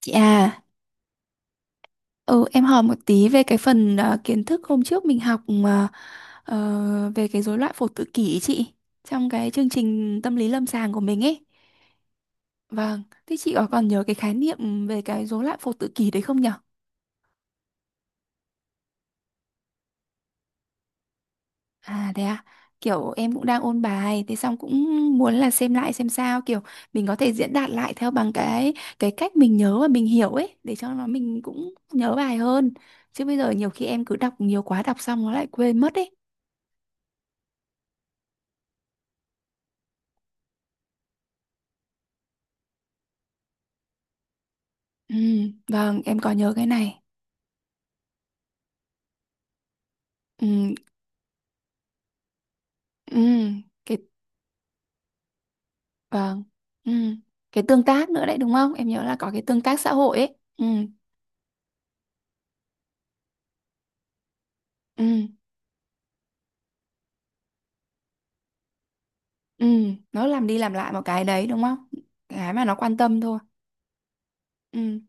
Chị à, ừ, em hỏi một tí về cái phần kiến thức hôm trước mình học mà, về cái rối loạn phổ tự kỷ ý chị trong cái chương trình tâm lý lâm sàng của mình ấy. Vâng, thế chị có còn nhớ cái khái niệm về cái rối loạn phổ tự kỷ đấy không nhở? À thế à, kiểu em cũng đang ôn bài, thế xong cũng muốn là xem lại xem sao, kiểu mình có thể diễn đạt lại theo bằng cái cách mình nhớ và mình hiểu ấy, để cho nó mình cũng nhớ bài hơn. Chứ bây giờ nhiều khi em cứ đọc nhiều quá, đọc xong nó lại quên mất ấy. Ừ, vâng, em có nhớ cái này. Ừ, ừ, cái vâng. Ừ, cái tương tác nữa đấy đúng không? Em nhớ là có cái tương tác xã hội ấy. Ừ, ừ, ừ, nó làm đi làm lại một cái đấy đúng không? Cái mà nó quan tâm thôi. Ừ.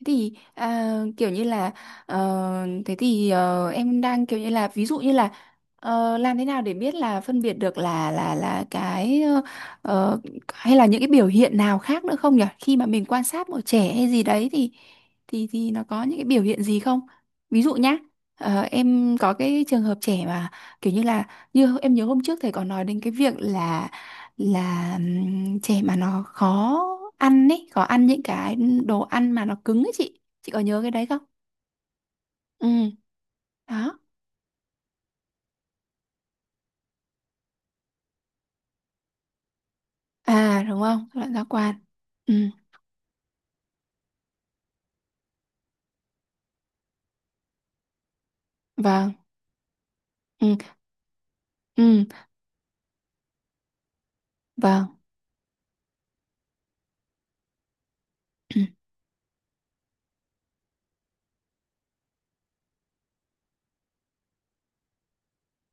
Thế thì à, kiểu như là ờ, thế thì em đang kiểu như là ví dụ như là làm thế nào để biết là phân biệt được là cái ờ, hay là những cái biểu hiện nào khác nữa không nhỉ? Khi mà mình quan sát một trẻ hay gì đấy thì thì nó có những cái biểu hiện gì không? Ví dụ nhá, em có cái trường hợp trẻ mà kiểu như là như em nhớ hôm trước thầy có nói đến cái việc là trẻ mà nó khó ăn ấy khó ăn những cái đồ ăn mà nó cứng ấy, chị có nhớ cái đấy không? Ừ, đó. À đúng không, loại giác quan. Ừ, vâng. Ừ, ừ, vâng.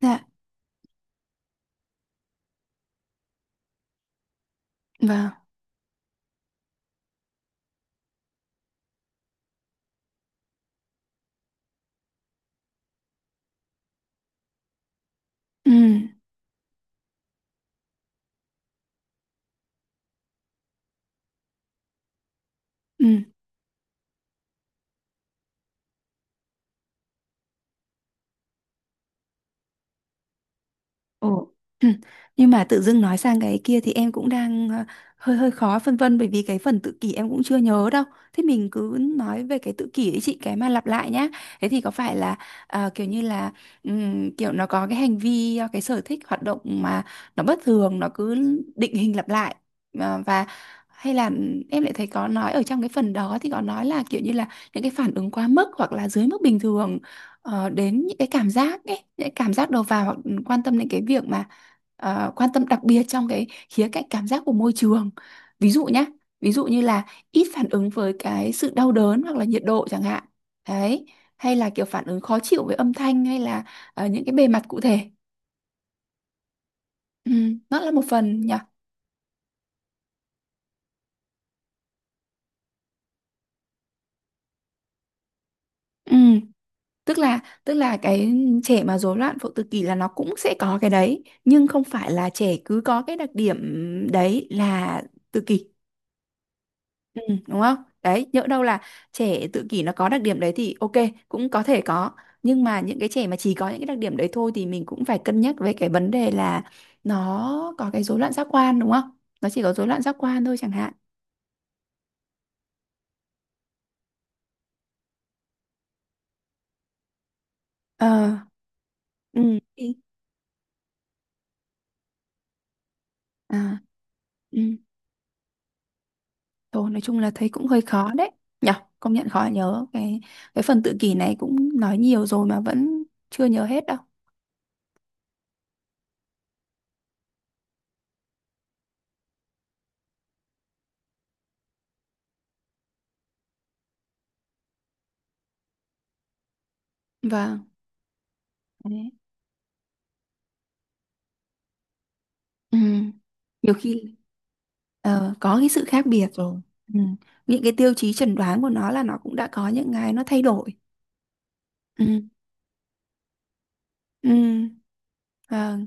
Dạ, vâng. Ừ, ừ. Ồ. Nhưng mà tự dưng nói sang cái kia thì em cũng đang ờ, hơi hơi khó phân vân bởi vì cái phần tự kỷ em cũng chưa nhớ đâu. Thế mình cứ nói về cái tự kỷ ấy chị, cái mà lặp lại nhá. Thế thì có phải là kiểu như là kiểu nó có cái hành vi cái sở thích hoạt động mà nó bất thường, nó cứ định hình lặp lại. Ờ, và hay là em lại thấy có nói ở trong cái phần đó thì có nói là kiểu như là những cái phản ứng quá mức hoặc là dưới mức bình thường đến những cái cảm giác ấy, những cái cảm giác đầu vào, hoặc quan tâm đến cái việc mà quan tâm đặc biệt trong cái khía cạnh cảm giác của môi trường. Ví dụ nhá, ví dụ như là ít phản ứng với cái sự đau đớn hoặc là nhiệt độ chẳng hạn. Đấy, hay là kiểu phản ứng khó chịu với âm thanh hay là những cái bề mặt cụ thể. Ừ, nó là một phần nhỉ. Ừ, tức là cái trẻ mà rối loạn phụ tự kỷ là nó cũng sẽ có cái đấy, nhưng không phải là trẻ cứ có cái đặc điểm đấy là tự kỷ. Ừ, đúng không? Đấy, nhỡ đâu là trẻ tự kỷ nó có đặc điểm đấy thì ok, cũng có thể có. Nhưng mà những cái trẻ mà chỉ có những cái đặc điểm đấy thôi thì mình cũng phải cân nhắc về cái vấn đề là nó có cái rối loạn giác quan đúng không? Nó chỉ có rối loạn giác quan thôi chẳng hạn. Ờ, ừ, thì- à, ừ. Thôi nói chung là thấy cũng hơi khó đấy. Nhở, công nhận khó nhớ. Cái phần tự kỷ này cũng nói nhiều rồi mà vẫn chưa nhớ hết đâu. Vâng. Đấy. Ừ. Nhiều khi có cái sự khác biệt rồi. Ừ. Những cái tiêu chí chẩn đoán của nó là nó cũng đã có những cái nó thay đổi. Ừ. Ừ. Vâng.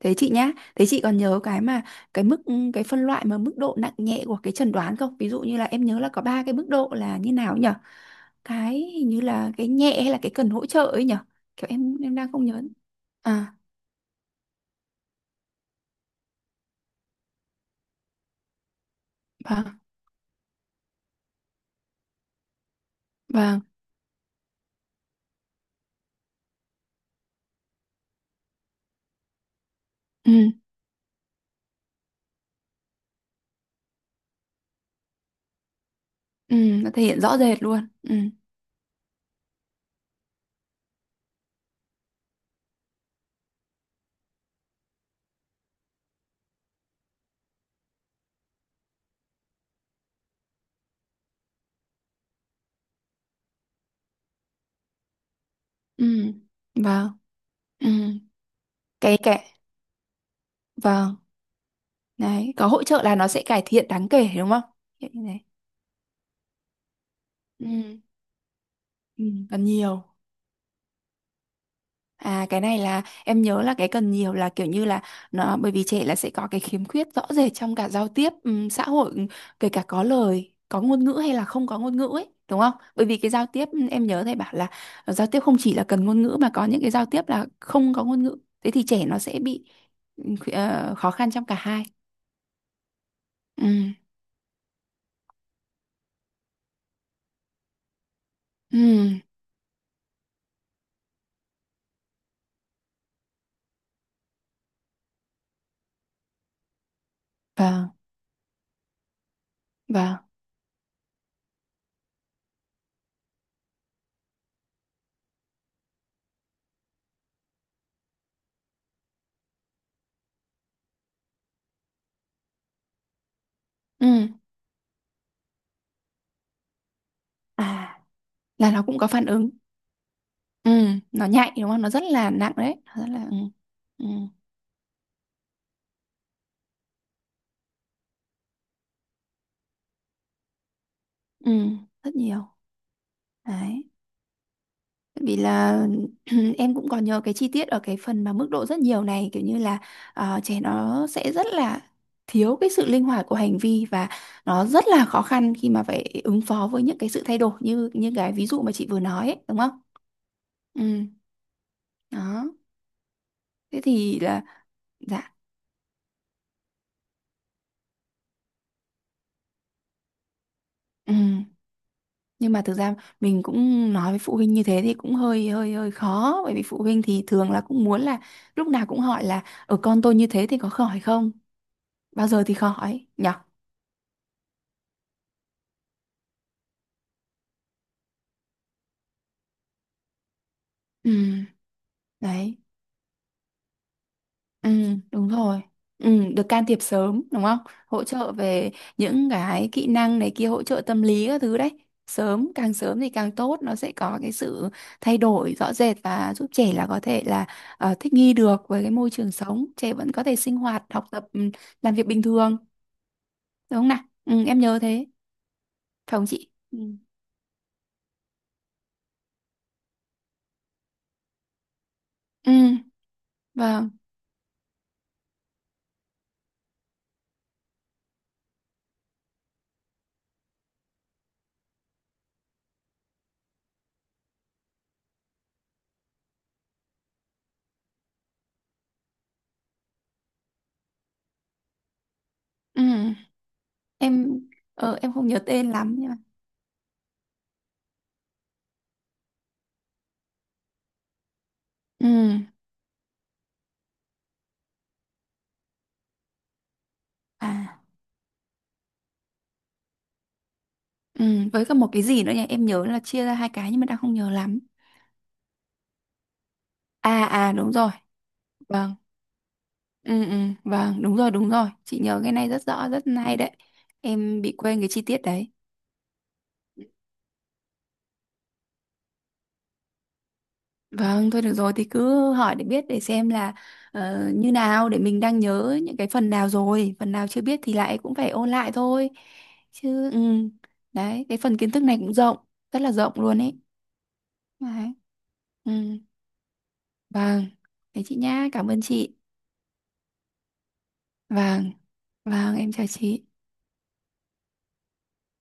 Thế chị nhá, thế chị còn nhớ cái mà cái mức ừ, cái phân loại mà mức độ nặng nhẹ của cái chẩn đoán không? Ví dụ như là em nhớ là có ba cái mức độ là như nào nhỉ? Cái hình như là cái nhẹ hay là cái cần hỗ trợ ấy nhỉ? Kiểu em đang không nhớ. À, vâng, vâng. Ừ, ừ, nó thể hiện rõ rệt luôn. Ừ, ừ, vâng. Ừ. Cái vâng, đấy, có hỗ trợ là nó sẽ cải thiện đáng kể đúng không? Kiểu như thế. Ừ. Ừ. Cần nhiều, à cái này là em nhớ là cái cần nhiều là kiểu như là nó bởi vì trẻ là sẽ có cái khiếm khuyết rõ rệt trong cả giao tiếp xã hội, kể cả có lời có ngôn ngữ hay là không có ngôn ngữ ấy đúng không, bởi vì cái giao tiếp em nhớ thầy bảo là giao tiếp không chỉ là cần ngôn ngữ mà có những cái giao tiếp là không có ngôn ngữ, thế thì trẻ nó sẽ bị khó khăn trong cả hai. Ừ, ừ, vâng, vâng, ừ. À, là nó cũng có phản ứng. Ừ, nó nhạy đúng không? Nó rất là nặng đấy. Nó rất là ừ, ừ, ừ, rất nhiều. Đấy. Tại vì là em cũng còn nhớ cái chi tiết ở cái phần mà mức độ rất nhiều này kiểu như là trẻ nó sẽ rất là thiếu cái sự linh hoạt của hành vi và nó rất là khó khăn khi mà phải ứng phó với những cái sự thay đổi như như cái ví dụ mà chị vừa nói ấy, đúng không? Ừ, đó. Thế thì là dạ. Ừ. Nhưng mà thực ra mình cũng nói với phụ huynh như thế thì cũng hơi hơi hơi khó, bởi vì phụ huynh thì thường là cũng muốn là lúc nào cũng hỏi là ở con tôi như thế thì có khỏi không, bao giờ thì khỏi nhở? Ừ. Đấy. Ừ, đúng rồi. Ừ, được can thiệp sớm, đúng không? Hỗ trợ về những cái kỹ năng này kia, hỗ trợ tâm lý các thứ đấy. Sớm, càng sớm thì càng tốt, nó sẽ có cái sự thay đổi rõ rệt và giúp trẻ là có thể là thích nghi được với cái môi trường sống. Trẻ vẫn có thể sinh hoạt, học tập, ừ, làm việc bình thường, đúng không nào? Ừ, em nhớ thế, phải không chị? Ừ, ừ, vâng. Ừ, em, em không nhớ tên lắm nhưng mà... Ừ, à. Ừ, với cả một cái gì nữa nhỉ? Em nhớ là chia ra hai cái nhưng mà đang không nhớ lắm. À à đúng rồi. Vâng. Ừ ừ vâng, đúng rồi đúng rồi. Chị nhớ cái này rất rõ, rất hay đấy. Em bị quên cái chi tiết đấy. Vâng, thôi được rồi thì cứ hỏi để biết để xem là như nào để mình đang nhớ những cái phần nào rồi, phần nào chưa biết thì lại cũng phải ôn lại thôi. Chứ ừ. Đấy, cái phần kiến thức này cũng rộng, rất là rộng luôn ấy. Đấy. Ừ. Vâng. Thế chị nhá, cảm ơn chị. Vâng, vâng, em chào chị.